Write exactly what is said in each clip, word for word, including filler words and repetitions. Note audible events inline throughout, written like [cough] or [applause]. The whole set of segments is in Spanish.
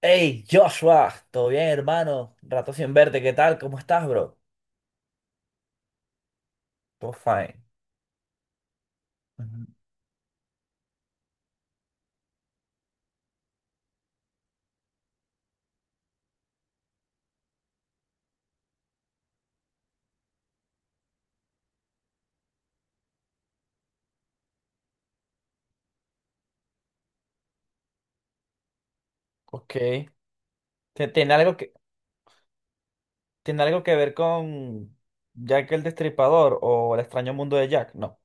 Hey, Joshua, ¿todo bien, hermano? Rato sin verte, ¿qué tal? ¿Cómo estás, bro? Todo fine. Ujú. Ok. Tie- ¿Tiene algo que, tiene algo que ver con Jack el Destripador o el extraño mundo de Jack? No.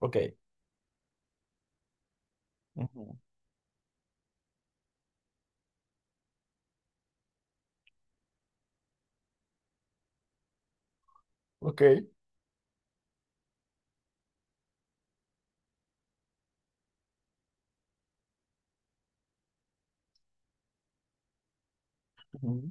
Ok. Ujú. Ok. Ujú.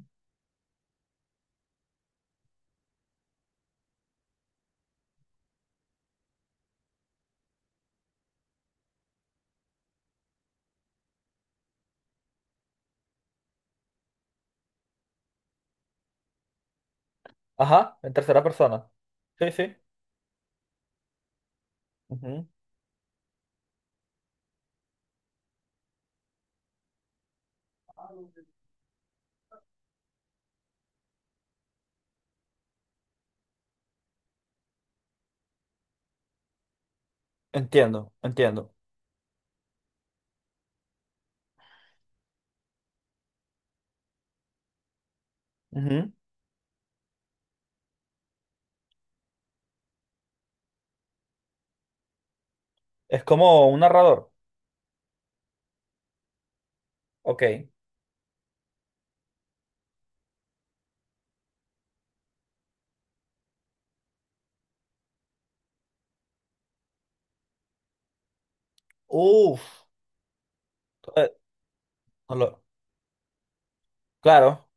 Ajá, en tercera persona. Sí, sí. Ujú. Entiendo, entiendo. Ujú. Es como un narrador. Ok. Uf. Eh, no lo- claro.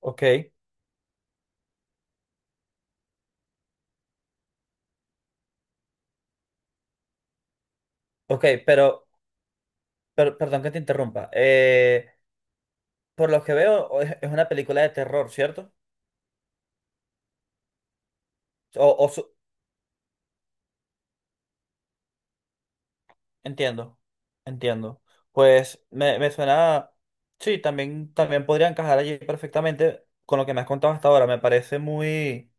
Ok. Ok, pero Per- perdón que te interrumpa. Eh, por lo que veo, o es, es una película de terror, ¿cierto? O, o su- Entiendo, entiendo. Pues me, me suena. Sí, también, también podría encajar allí perfectamente con lo que me has contado hasta ahora. Me parece muy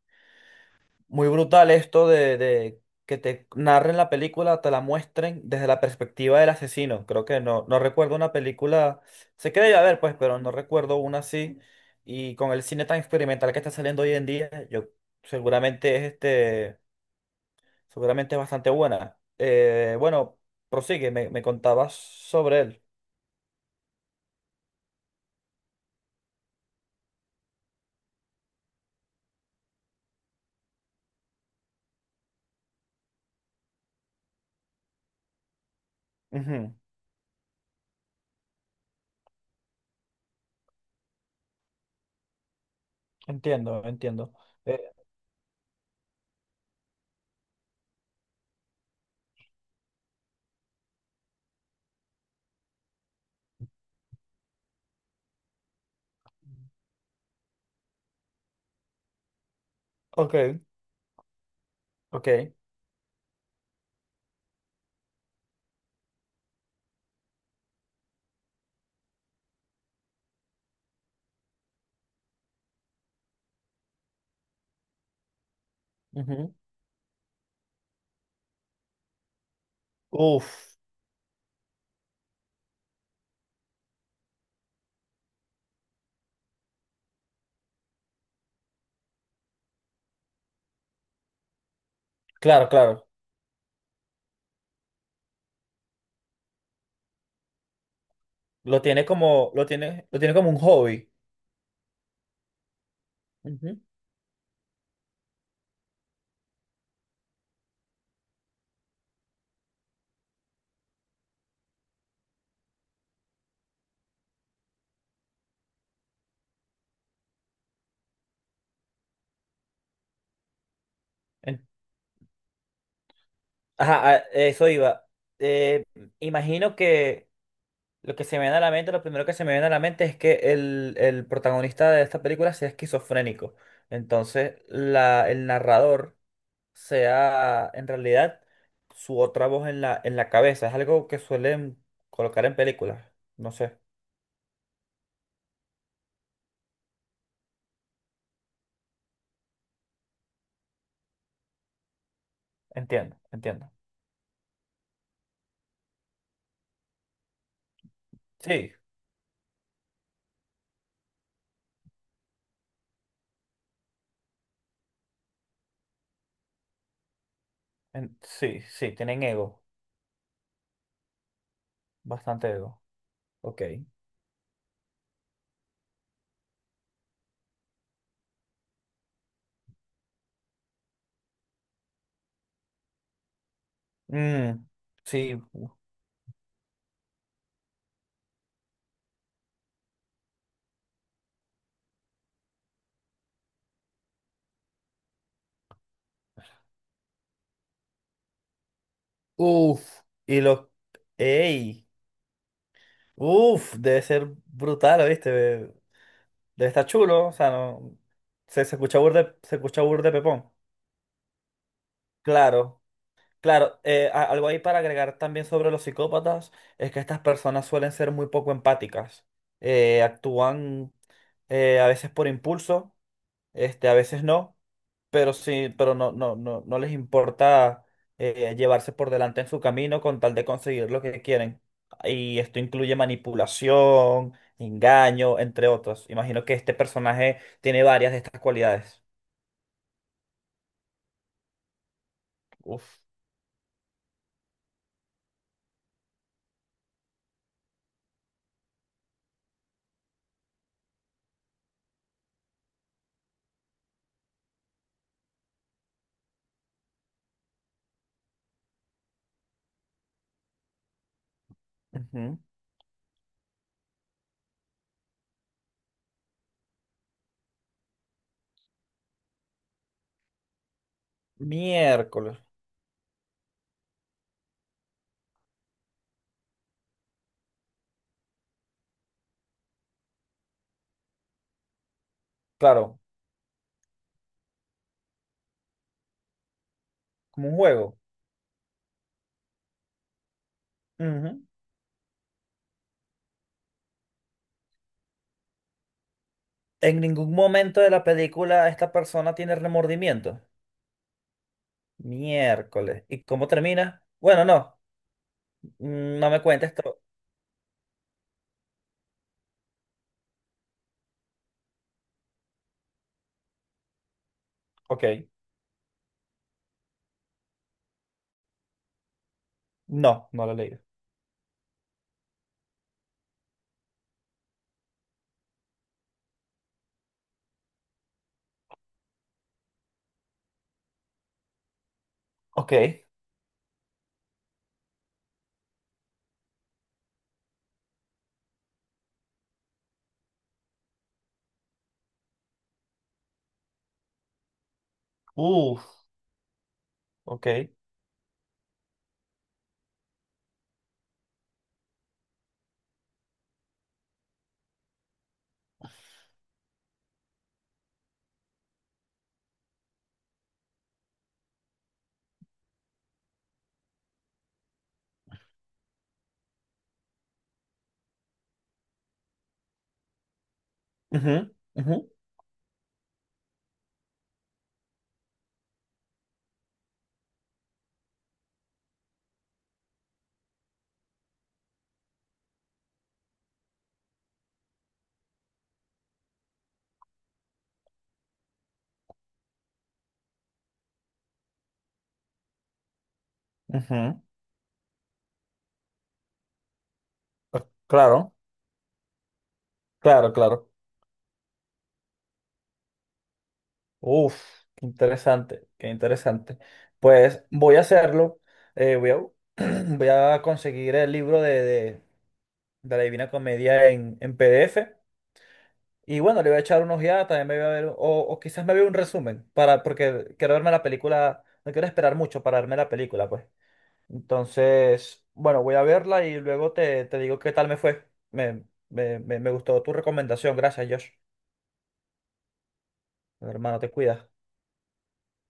muy brutal esto de, de que te narren la película, te la muestren desde la perspectiva del asesino. Creo que no, no recuerdo una película, sé que debe haber pues, pero no recuerdo una así. Y con el cine tan experimental que está saliendo hoy en día, yo seguramente es este, seguramente es bastante buena. Eh, bueno, prosigue, me, me contabas sobre él. Ujú. Entiendo, entiendo. Eh, ok, ok. Ujú. Uf, claro, claro. Lo tiene como, lo tiene, lo tiene como un hobby. Ujú. En- Ajá, a eso iba. Eh, Imagino que lo que se me viene a la mente, lo primero que se me viene a la mente es que el, el protagonista de esta película sea esquizofrénico. Entonces, la, el narrador sea en realidad su otra voz en la, en la cabeza. Es algo que suelen colocar en películas. No sé. Entiendo, entiendo. Sí, en- sí, sí, tienen ego. Bastante ego. Ok. Mm, sí. Uf, y los... ¡Ey! Uf, debe ser brutal, ¿viste? Debe estar chulo, o sea, no. Se, se escucha burde, se escucha burde pepón. Claro, claro. Eh, a- algo ahí para agregar también sobre los psicópatas es que estas personas suelen ser muy poco empáticas. Eh, actúan, eh, a veces por impulso, este, a veces no. Pero sí, pero no, no, no, no les importa, eh, llevarse por delante en su camino con tal de conseguir lo que quieren. Y esto incluye manipulación, engaño, entre otros. Imagino que este personaje tiene varias de estas cualidades. Uf. Ujú. Miércoles. Claro, como un juego. Ujú. En ningún momento de la película esta persona tiene remordimiento. Miércoles. ¿Y cómo termina? Bueno, no. Mm, no me cuentes esto. Ok. No, no lo he leído. Ok. Uf, ok. Ujú, ujú, ujú. Ah, claro, claro, claro. Uf, qué interesante, qué interesante. Pues voy a hacerlo. Eh, voy a, [clears throat] voy a conseguir el libro de, de, de la Divina Comedia en, en PDF. Y bueno, le voy a echar unos ojeada, también me voy a ver, o, o quizás me veo un resumen, para, porque quiero verme la película, no quiero esperar mucho para verme la película, pues. Entonces, bueno, voy a verla y luego te, te digo qué tal me fue. Me, me, me, me gustó tu recomendación. Gracias, Josh. Hermano, te cuidas.